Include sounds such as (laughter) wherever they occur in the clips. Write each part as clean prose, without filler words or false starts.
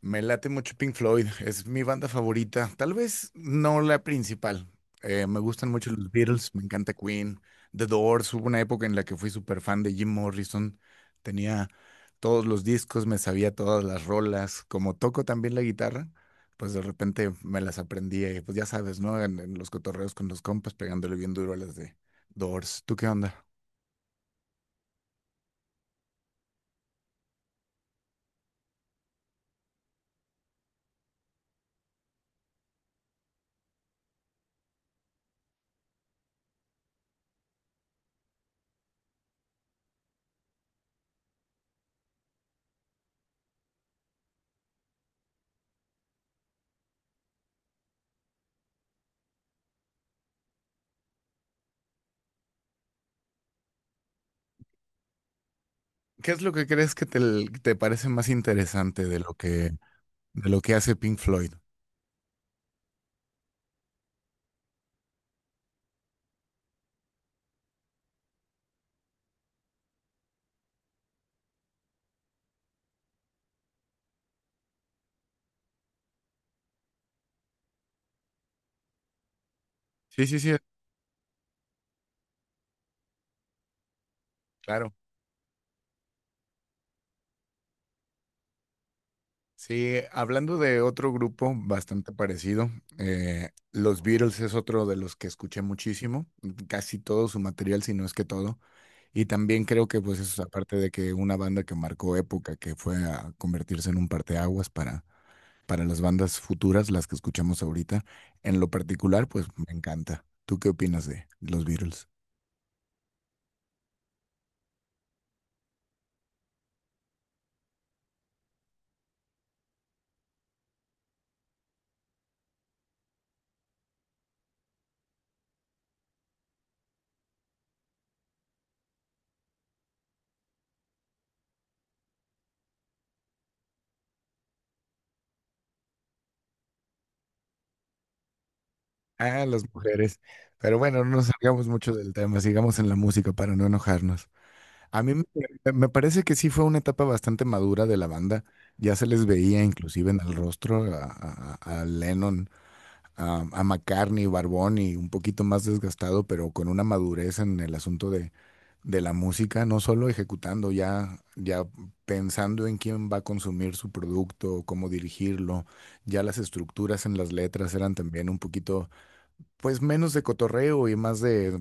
Me late mucho Pink Floyd, es mi banda favorita, tal vez no la principal. Me gustan mucho los Beatles, me encanta Queen, The Doors. Hubo una época en la que fui súper fan de Jim Morrison, tenía todos los discos, me sabía todas las rolas, como toco también la guitarra, pues de repente me las aprendí, pues ya sabes, ¿no? En los cotorreos con los compas, pegándole bien duro a las de Doors. ¿Tú qué onda? ¿Qué es lo que crees que te parece más interesante de lo que hace Pink Floyd? Sí, sí, sí, claro. Sí, hablando de otro grupo bastante parecido, los Beatles es otro de los que escuché muchísimo, casi todo su material, si no es que todo. Y también creo que, pues, eso es aparte de que una banda que marcó época, que fue a convertirse en un parteaguas para las bandas futuras, las que escuchamos ahorita, en lo particular, pues me encanta. ¿Tú qué opinas de los Beatles? Ah, las mujeres. Pero bueno, no nos salgamos mucho del tema, sigamos en la música para no enojarnos. A mí me parece que sí fue una etapa bastante madura de la banda. Ya se les veía inclusive en el rostro a Lennon, a McCartney, Barbón y un poquito más desgastado, pero con una madurez en el asunto de la música, no solo ejecutando, ya pensando en quién va a consumir su producto, cómo dirigirlo. Ya las estructuras en las letras eran también un poquito pues menos de cotorreo y más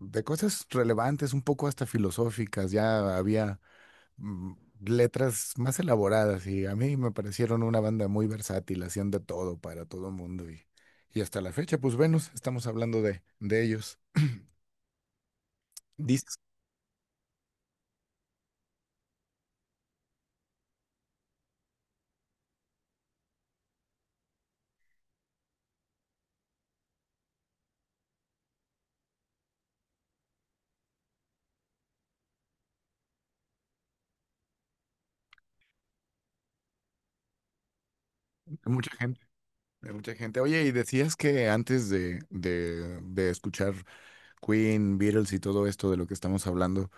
de cosas relevantes, un poco hasta filosóficas. Ya había mm, letras más elaboradas y a mí me parecieron una banda muy versátil, hacían de todo para todo el mundo y hasta la fecha, pues Venus, estamos hablando de ellos. Dices, mucha gente. De mucha gente. Oye, y decías que antes de escuchar Queen, Beatles y todo esto de lo que estamos hablando,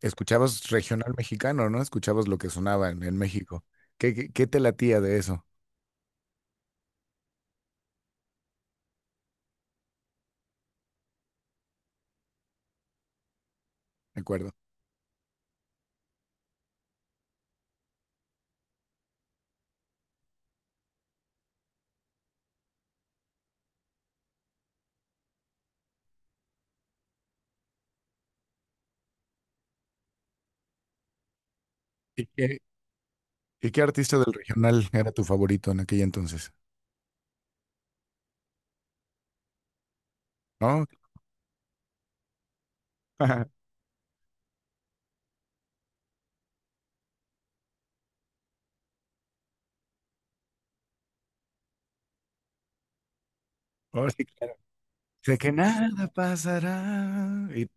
escuchabas regional mexicano, ¿no? Escuchabas lo que sonaba en México. Qué te latía de eso? De acuerdo. ¿Y y qué artista del regional era tu favorito en aquel entonces? ¿No? (laughs) Oh, sí, claro. De que nada pasará. Y-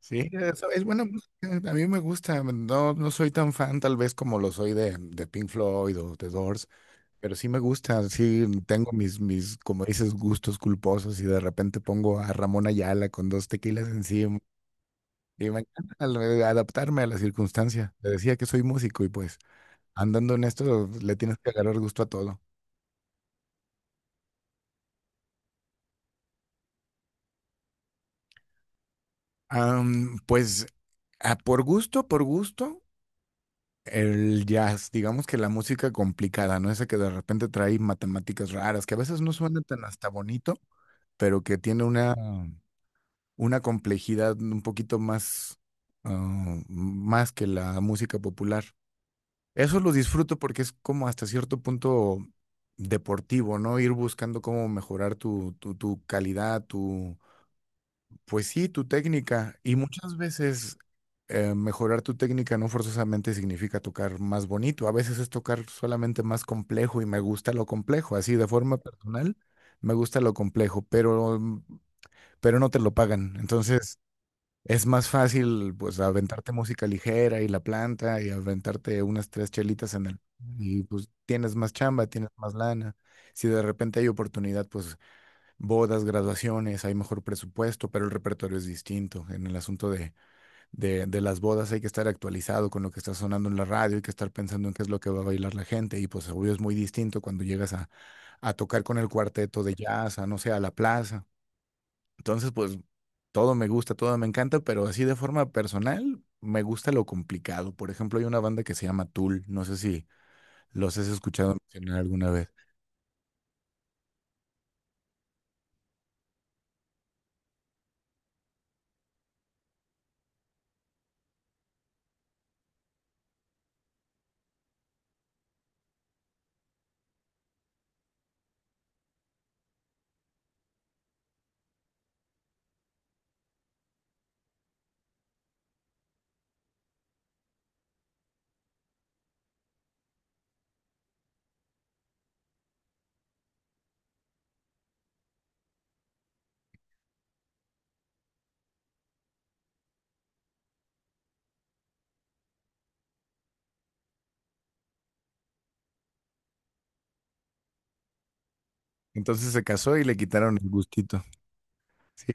sí, eso es buena música. A mí me gusta. No, no soy tan fan, tal vez, como lo soy de Pink Floyd o The Doors. Pero sí me gusta, sí, tengo mis, como dices, gustos culposos y de repente pongo a Ramón Ayala con dos tequilas encima y me encanta adaptarme a la circunstancia. Le decía que soy músico y pues andando en esto le tienes que agarrar gusto a todo. Pues por gusto, el jazz, digamos que la música complicada, ¿no? Esa que de repente trae matemáticas raras, que a veces no suena tan hasta bonito, pero que tiene una complejidad un poquito más, más que la música popular. Eso lo disfruto porque es como hasta cierto punto deportivo, ¿no? Ir buscando cómo mejorar tu calidad, tu, pues sí, tu técnica. Y muchas veces mejorar tu técnica no forzosamente significa tocar más bonito. A veces es tocar solamente más complejo y me gusta lo complejo. Así, de forma personal, me gusta lo complejo, pero no te lo pagan. Entonces... es más fácil, pues, aventarte música ligera y la planta y aventarte unas tres chelitas en el... Y pues tienes más chamba, tienes más lana. Si de repente hay oportunidad, pues bodas, graduaciones, hay mejor presupuesto, pero el repertorio es distinto. En el asunto de las bodas hay que estar actualizado con lo que está sonando en la radio, hay que estar pensando en qué es lo que va a bailar la gente. Y pues obvio es muy distinto cuando llegas a tocar con el cuarteto de jazz, a no sé, a la plaza. Entonces, pues todo me gusta, todo me encanta, pero así de forma personal me gusta lo complicado. Por ejemplo, hay una banda que se llama Tool, no sé si los has escuchado mencionar alguna vez. Entonces se casó y le quitaron el gustito. Sí,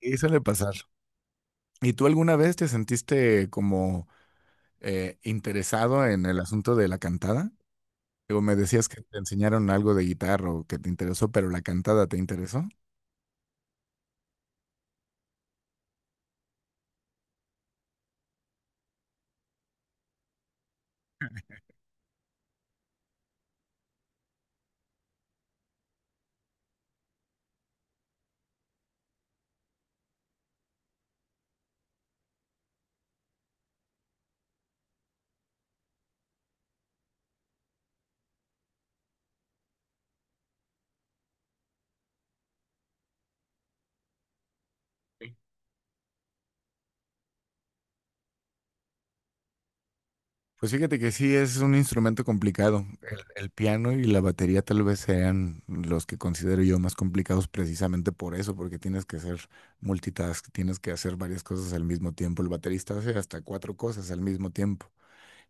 y suele pasar. ¿Y tú alguna vez te sentiste como interesado en el asunto de la cantada? O me decías que te enseñaron algo de guitarra o que te interesó, pero la cantada te interesó. Pues fíjate que sí, es un instrumento complicado. El piano y la batería tal vez sean los que considero yo más complicados precisamente por eso, porque tienes que hacer multitask, tienes que hacer varias cosas al mismo tiempo. El baterista hace hasta cuatro cosas al mismo tiempo.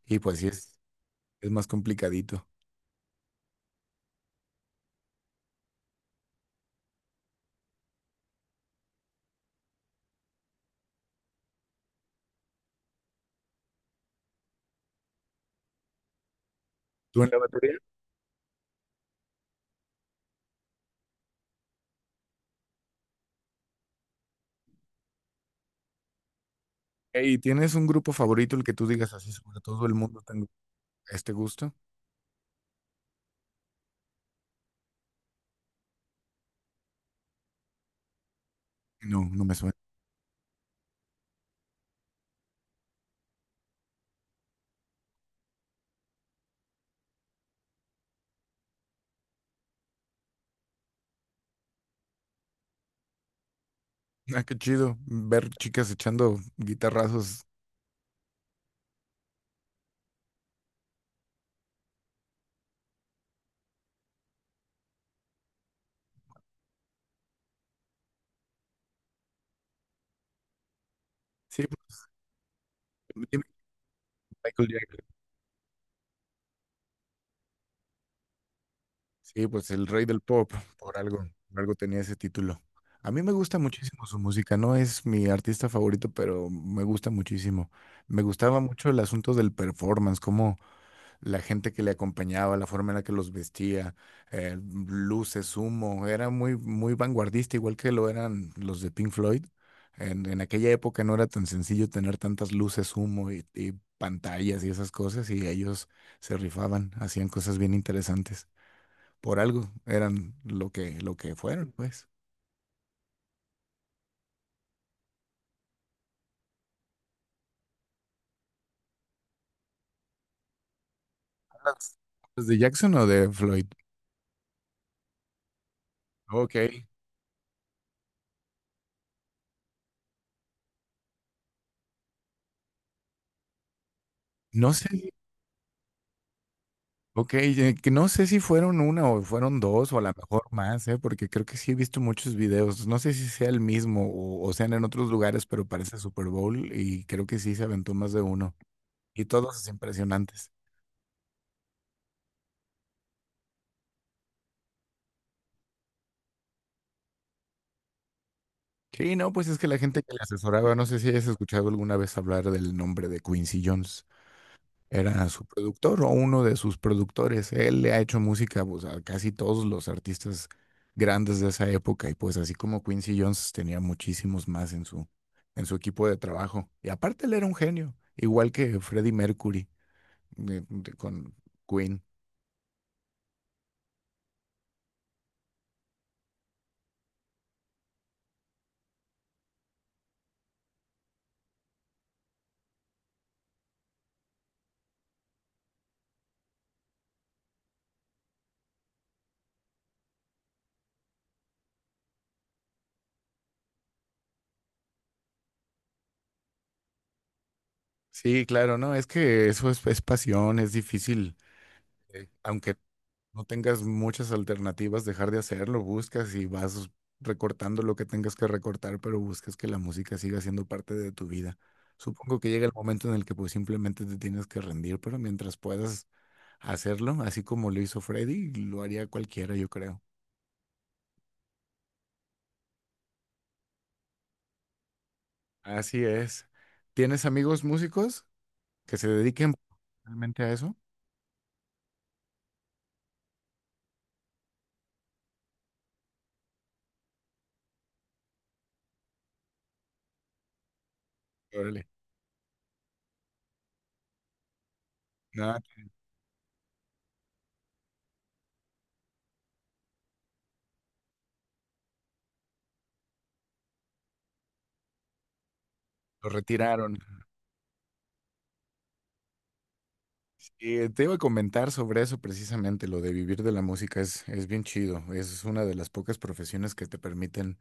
Y pues sí, es más complicadito. ¿Tú en la batería? ¿Y tienes un grupo favorito, el que tú digas así, sobre todo el mundo tengo este gusto? No, no me suena. Ah, qué chido ver chicas echando guitarrazos. Sí, pues, dime, Michael Jackson. Sí, pues el rey del pop, por algo, por algo tenía ese título. A mí me gusta muchísimo su música, no es mi artista favorito, pero me gusta muchísimo. Me gustaba mucho el asunto del performance, como la gente que le acompañaba, la forma en la que los vestía, eh, luces, humo, era muy, muy vanguardista, igual que lo eran los de Pink Floyd. En aquella época no era tan sencillo tener tantas luces, humo y pantallas y esas cosas, y ellos se rifaban, hacían cosas bien interesantes por algo eran lo que fueron, pues. Las- ¿los de Jackson o de Floyd? Ok. No sé, si- ok, que no sé si fueron una o fueron dos o a lo mejor más, ¿eh? Porque creo que sí he visto muchos videos. No sé si sea el mismo o sean en otros lugares, pero parece Super Bowl y creo que sí se aventó más de uno. Y todos impresionantes. Sí, no, pues es que la gente que le asesoraba, no sé si hayas escuchado alguna vez hablar del nombre de Quincy Jones. Era su productor o uno de sus productores. Él le ha hecho música pues, a casi todos los artistas grandes de esa época y pues así como Quincy Jones tenía muchísimos más en su equipo de trabajo. Y aparte él era un genio, igual que Freddie Mercury con Queen. Sí, claro, no, es que eso es pasión, es difícil. Aunque no tengas muchas alternativas, dejar de hacerlo, buscas y vas recortando lo que tengas que recortar, pero buscas que la música siga siendo parte de tu vida. Supongo que llega el momento en el que pues simplemente te tienes que rendir, pero mientras puedas hacerlo, así como lo hizo Freddy, lo haría cualquiera, yo creo. Así es. ¿Tienes amigos músicos que se dediquen realmente a eso? Órale. Nada, lo retiraron. Te iba a comentar sobre eso precisamente, lo de vivir de la música es bien chido, es una de las pocas profesiones que te permiten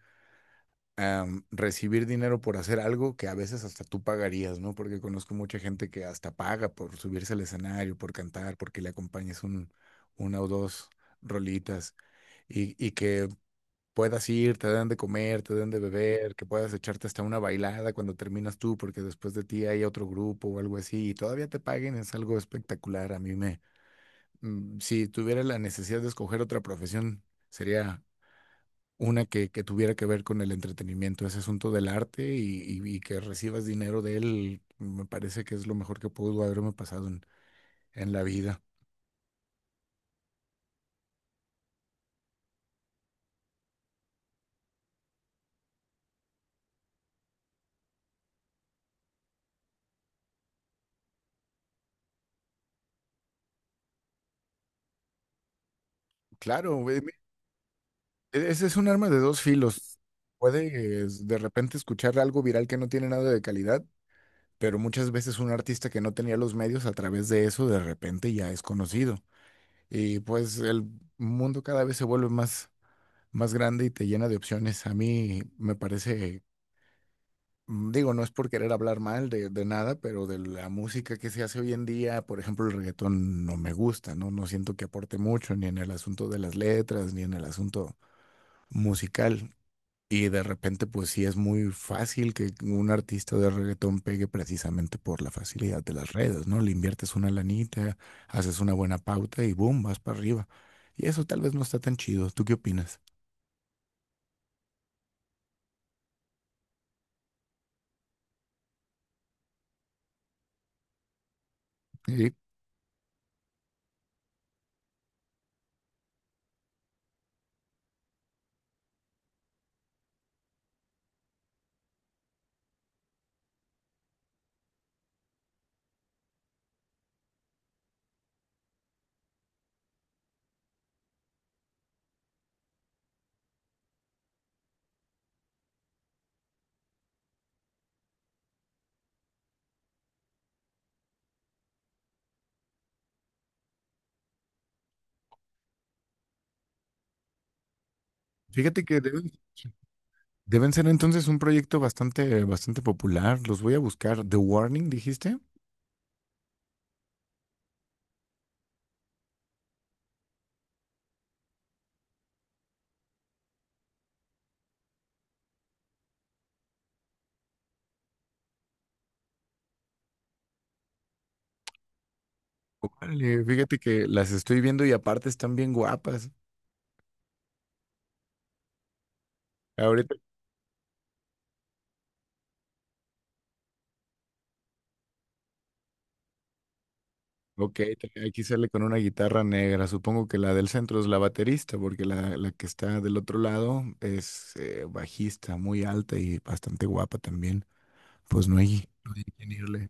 recibir dinero por hacer algo que a veces hasta tú pagarías, ¿no? Porque conozco mucha gente que hasta paga por subirse al escenario, por cantar, porque le acompañes una o dos rolitas y que puedas ir, te dan de comer, te dan de beber, que puedas echarte hasta una bailada cuando terminas tú, porque después de ti hay otro grupo o algo así y todavía te paguen, es algo espectacular, a mí si tuviera la necesidad de escoger otra profesión, sería una que tuviera que ver con el entretenimiento, ese asunto del arte y que recibas dinero de él, me parece que es lo mejor que pudo haberme pasado en la vida. Claro, güey, ese es un arma de dos filos. Puedes de repente escuchar algo viral que no tiene nada de calidad, pero muchas veces un artista que no tenía los medios a través de eso de repente ya es conocido. Y pues el mundo cada vez se vuelve más más grande y te llena de opciones. A mí me parece, digo, no es por querer hablar mal de nada, pero de la música que se hace hoy en día, por ejemplo, el reggaetón no me gusta, ¿no? No siento que aporte mucho, ni en el asunto de las letras, ni en el asunto musical. Y de repente, pues sí es muy fácil que un artista de reggaetón pegue precisamente por la facilidad de las redes, ¿no? Le inviertes una lanita, haces una buena pauta y boom, vas para arriba. Y eso tal vez no está tan chido. ¿Tú qué opinas? Sí. Fíjate que debes deben ser entonces un proyecto bastante, bastante popular. Los voy a buscar. The Warning, dijiste. Órale, fíjate que las estoy viendo y aparte están bien guapas. Ahorita, ok, te- aquí sale con una guitarra negra. Supongo que la del centro es la baterista, porque la que está del otro lado es bajista, muy alta y bastante guapa también. Pues no hay, no hay quien irle.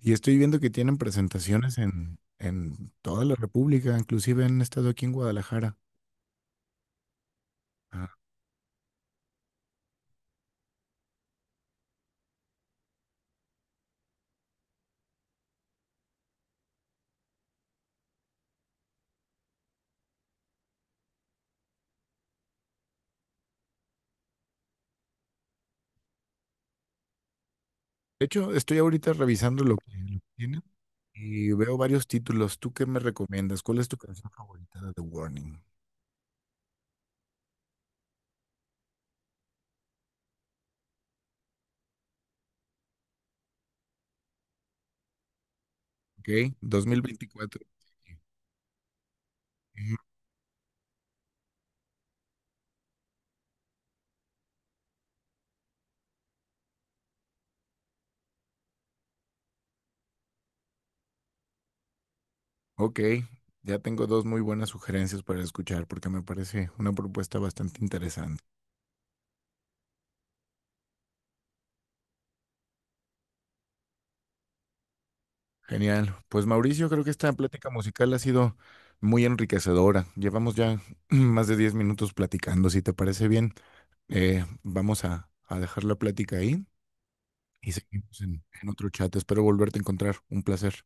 Y estoy viendo que tienen presentaciones en toda la República, inclusive han estado aquí en Guadalajara. De hecho, estoy ahorita revisando lo que tienen y veo varios títulos. ¿Tú qué me recomiendas? ¿Cuál es tu canción favorita de The Warning? Ok, 2024. Ujú. Ok, ya tengo dos muy buenas sugerencias para escuchar porque me parece una propuesta bastante interesante. Genial. Pues Mauricio, creo que esta plática musical ha sido muy enriquecedora. Llevamos ya (clears throat) más de 10 minutos platicando, si te parece bien. Vamos a dejar la plática ahí y seguimos en otro chat. Espero volverte a encontrar. Un placer.